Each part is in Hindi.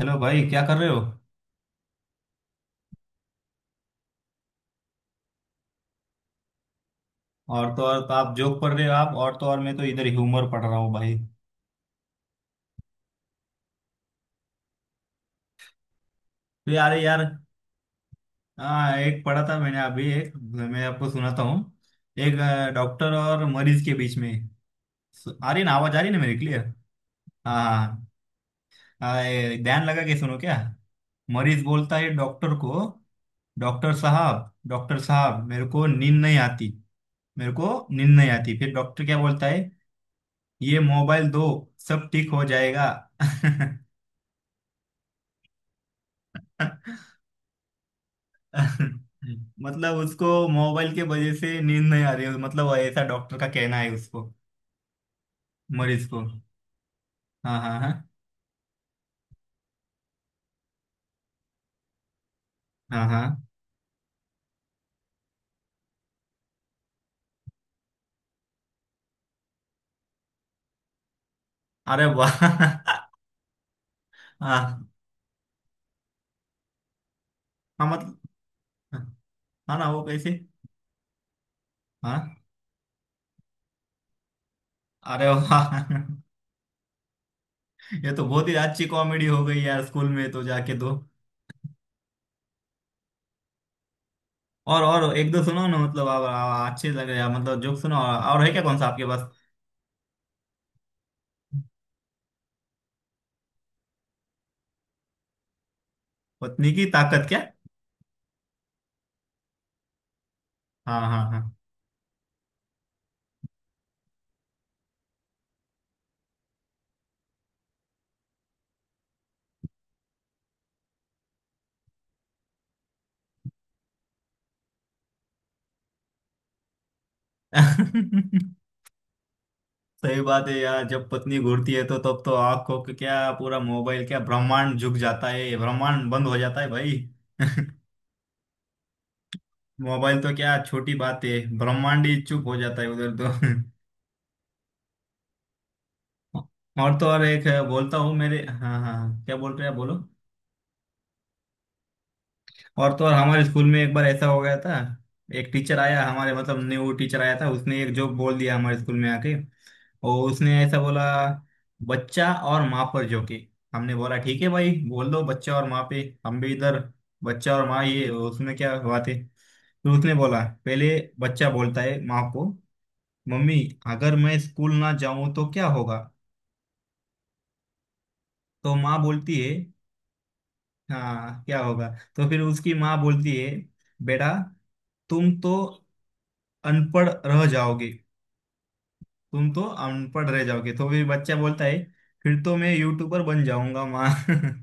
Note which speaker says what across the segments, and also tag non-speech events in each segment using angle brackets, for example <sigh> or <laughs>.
Speaker 1: हेलो भाई, क्या कर रहे हो। और तो आप जोक पढ़ रहे हो, आप और तो और मैं तो इधर ह्यूमर पढ़ रहा हूँ भाई। तो यार यार। हाँ, एक पढ़ा था मैंने अभी, एक मैं आपको सुनाता हूँ। एक डॉक्टर और मरीज के बीच में। आ रही ना आवाज, आ रही ना मेरी क्लियर। हाँ, हाँ हाँ, ये ध्यान लगा के सुनो क्या। मरीज बोलता है डॉक्टर को, डॉक्टर साहब मेरे को नींद नहीं आती, मेरे को नींद नहीं आती, फिर डॉक्टर क्या बोलता है। ये मोबाइल दो, सब ठीक हो जाएगा। <laughs> <laughs> मतलब उसको मोबाइल के वजह से नींद नहीं आ रही है, मतलब ऐसा डॉक्टर का कहना है उसको, मरीज को। हाँ हाँ हाँ। हाँ हाँ। अरे वाह <laughs> हाँ हाँ, मतलब हाँ ना, वो कैसे। हाँ। अरे वाह <laughs> ये तो बहुत ही अच्छी कॉमेडी हो गई यार, स्कूल में तो जाके तो। और एक दो सुनो ना, मतलब आप अच्छे लग रहे हैं, मतलब जोक सुनो, और है क्या, कौन सा आपके पास। पत्नी की ताकत क्या। हाँ हाँ हाँ <laughs> सही बात है यार, जब पत्नी घूरती है तो तब तो आंख को क्या, पूरा मोबाइल क्या, ब्रह्मांड झुक जाता है, ब्रह्मांड बंद हो जाता है भाई <laughs> मोबाइल तो क्या छोटी बात है, ब्रह्मांड ही चुप हो जाता है उधर तो <laughs> और तो और एक बोलता हूँ मेरे, हाँ हाँ क्या बोल रहे हैं आप, बोलो। और तो और हमारे स्कूल में एक बार ऐसा हो गया था। एक टीचर आया हमारे, मतलब न्यू टीचर आया था, उसने एक जोक बोल दिया हमारे स्कूल में आके। और उसने ऐसा बोला, बच्चा और माँ पर जोके। हमने बोला ठीक है भाई, बोल दो बच्चा और माँ पे, हम भी इधर। बच्चा और माँ, ये उसमें क्या बात है, तो उसने बोला, पहले बच्चा बोलता है माँ को, मम्मी अगर मैं स्कूल ना जाऊं तो क्या होगा। तो माँ बोलती है, हाँ क्या होगा, तो फिर उसकी माँ बोलती है, बेटा तुम तो अनपढ़ रह जाओगे, तुम तो अनपढ़ रह जाओगे, तो फिर बच्चा बोलता है, फिर तो मैं यूट्यूबर बन जाऊंगा माँ <laughs>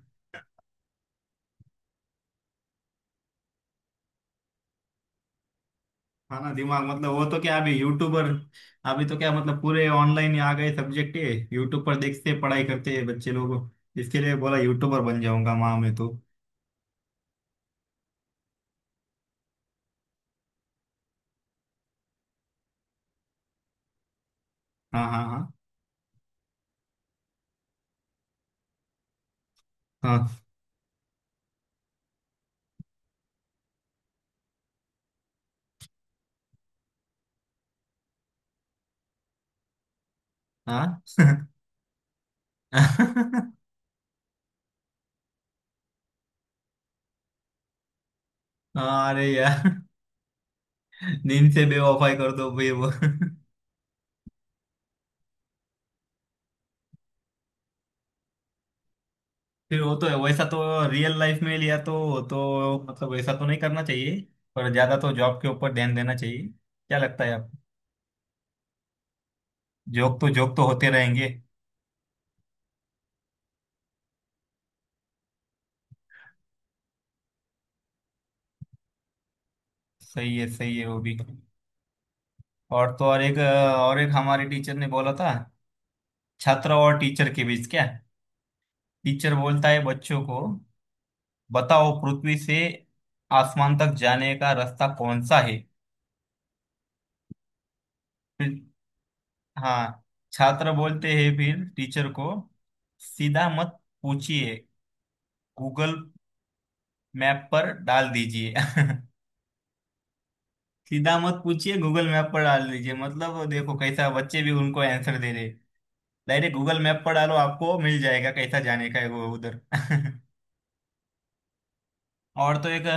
Speaker 1: हाँ ना, दिमाग मतलब वो तो क्या, अभी यूट्यूबर, अभी तो क्या मतलब पूरे ऑनलाइन आ गए सब्जेक्ट है, यूट्यूब पर देखते पढ़ाई करते हैं बच्चे लोग, इसके लिए बोला यूट्यूबर बन जाऊंगा माँ मैं तो। हाँ हाँ हाँ। हाँ हाँ <laughs> अरे यार, नींद से बेवफाई कर दो भाई वो <laughs> फिर वो तो है, वैसा तो रियल लाइफ में लिया तो मतलब वैसा तो नहीं करना चाहिए, पर ज्यादा तो जॉब के ऊपर ध्यान देना चाहिए, क्या लगता है आपको। जॉब तो होते रहेंगे। सही है वो भी। और तो और एक और एक हमारे टीचर ने बोला था, छात्र और टीचर के बीच क्या। टीचर बोलता है बच्चों को, बताओ पृथ्वी से आसमान तक जाने का रास्ता कौन सा है। फिर हाँ छात्र बोलते हैं फिर टीचर को, सीधा मत पूछिए, गूगल मैप पर डाल दीजिए <laughs> सीधा मत पूछिए गूगल मैप पर डाल दीजिए, मतलब देखो कैसा बच्चे भी उनको आंसर दे दे, डायरेक्ट गूगल मैप पर डालो आपको मिल जाएगा कैसा जाने का है वो उधर <laughs> और तो एक,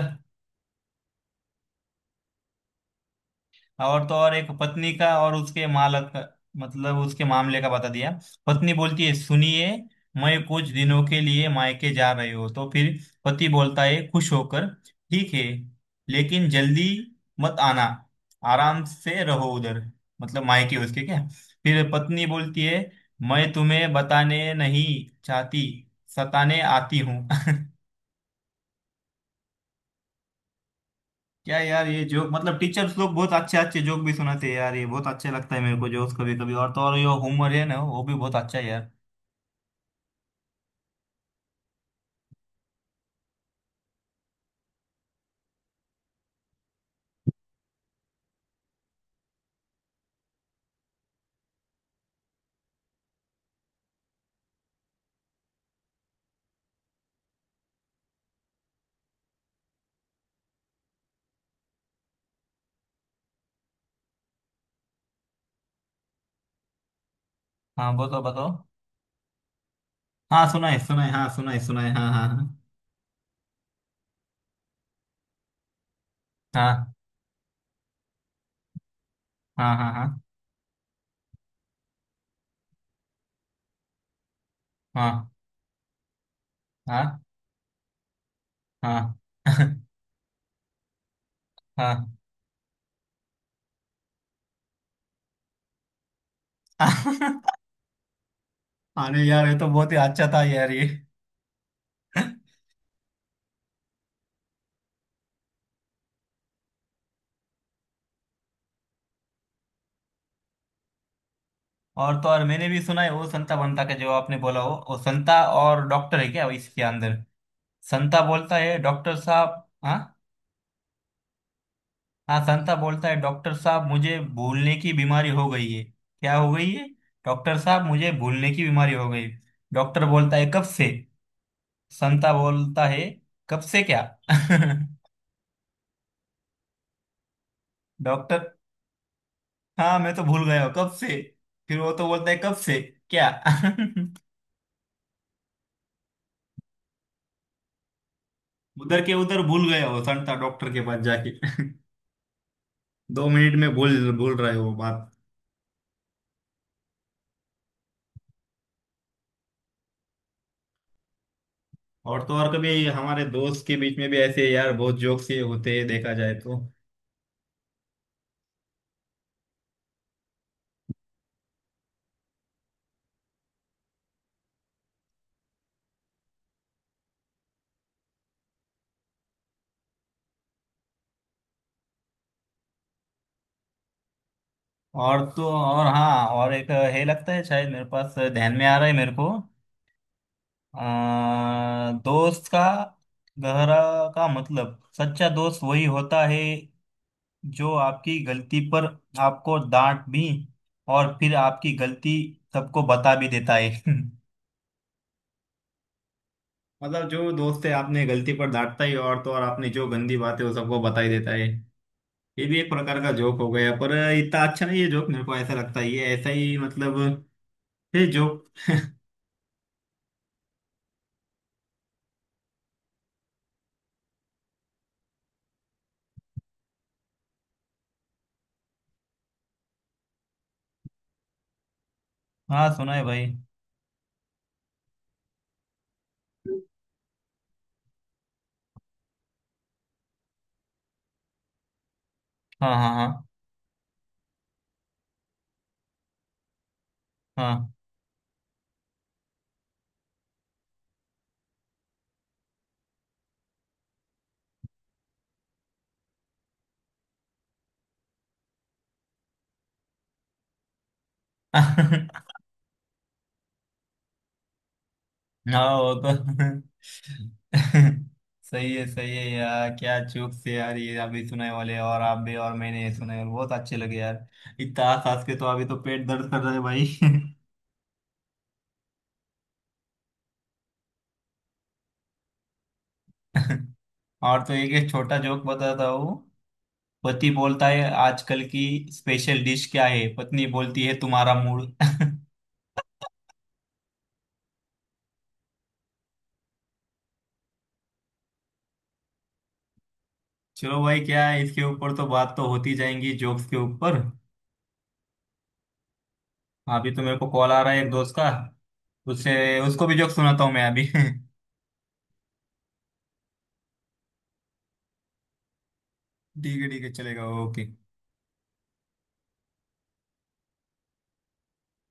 Speaker 1: और तो और एक पत्नी का और उसके मालक, मतलब उसके मामले का बता दिया। पत्नी बोलती है, सुनिए मैं कुछ दिनों के लिए मायके जा रही हूँ, तो फिर पति बोलता है खुश होकर, ठीक है लेकिन जल्दी मत आना, आराम से रहो उधर, मतलब मायके उसके क्या। फिर पत्नी बोलती है, मैं तुम्हें बताने नहीं चाहती, सताने आती हूँ <laughs> क्या यार ये जोक, मतलब टीचर्स लोग बहुत अच्छे अच्छे जोक भी सुनाते हैं यार, ये बहुत अच्छे लगता है मेरे को जोक्स कभी कभी, और तो और ये होमवर्क है ना, वो भी बहुत अच्छा है यार। हाँ बताओ बताओ। हाँ सुनाए सुनाए, हाँ सुनाए सुनाए, हाँ हाँ हाँ। हाँ हाँ हाँ। हाँ हाँ हाँ हाँ हाँ। <laughs> अरे यार ये तो बहुत ही अच्छा था यार ये। और तो और मैंने भी सुना है वो संता बंता का, जो आपने बोला वो संता और डॉक्टर है क्या इसके अंदर। संता बोलता है, डॉक्टर साहब, हाँ हाँ, संता बोलता है, डॉक्टर साहब मुझे भूलने की बीमारी हो गई है, क्या हो गई है, डॉक्टर साहब मुझे भूलने की बीमारी हो गई। डॉक्टर बोलता है, कब से। संता बोलता है, कब से क्या <laughs> डॉक्टर, हाँ मैं तो भूल गया हूँ कब से, फिर वो तो बोलता है कब से क्या <laughs> उधर के उधर भूल गया वो संता डॉक्टर के पास जाके <laughs> दो मिनट में भूल भूल रहे हो बात। और तो और कभी हमारे दोस्त के बीच में भी ऐसे यार बहुत जोक्स ये होते हैं देखा जाए तो। और तो और हाँ और एक है लगता है, शायद मेरे पास ध्यान में आ रहा है मेरे को, दोस्त का गहरा का मतलब, सच्चा दोस्त वही होता है जो आपकी गलती पर आपको डांट भी, और फिर आपकी गलती सबको बता भी देता है <laughs> मतलब जो दोस्त है आपने गलती पर डांटता ही, और तो और आपने जो गंदी बातें वो सबको बता ही देता है। ये भी एक प्रकार का जोक हो गया, पर इतना अच्छा नहीं है जोक मेरे को ऐसा लगता है, ये ऐसा ही मतलब है जोक <laughs> हाँ सुना है भाई। हाँ हाँ हाँ हाँ <laughs> हाँ वो तो <laughs> सही है यार, क्या जोक से यार, ये अभी सुनाए वाले और आप भी और मैंने ये सुनाए बहुत अच्छे लगे यार। इतना हंस हंस के तो अभी तो पेट दर्द कर रहा है भाई <laughs> और तो एक एक छोटा जोक बताता हूँ। पति बोलता है, आजकल की स्पेशल डिश क्या है, पत्नी बोलती है, तुम्हारा मूड <laughs> चलो भाई, क्या है इसके ऊपर तो, बात तो होती जाएंगी जोक्स के ऊपर। अभी तो मेरे को कॉल आ रहा है एक दोस्त का, उससे उसको भी जोक सुनाता हूँ मैं अभी <laughs> ठीक है, ठीक है, चलेगा, ओके।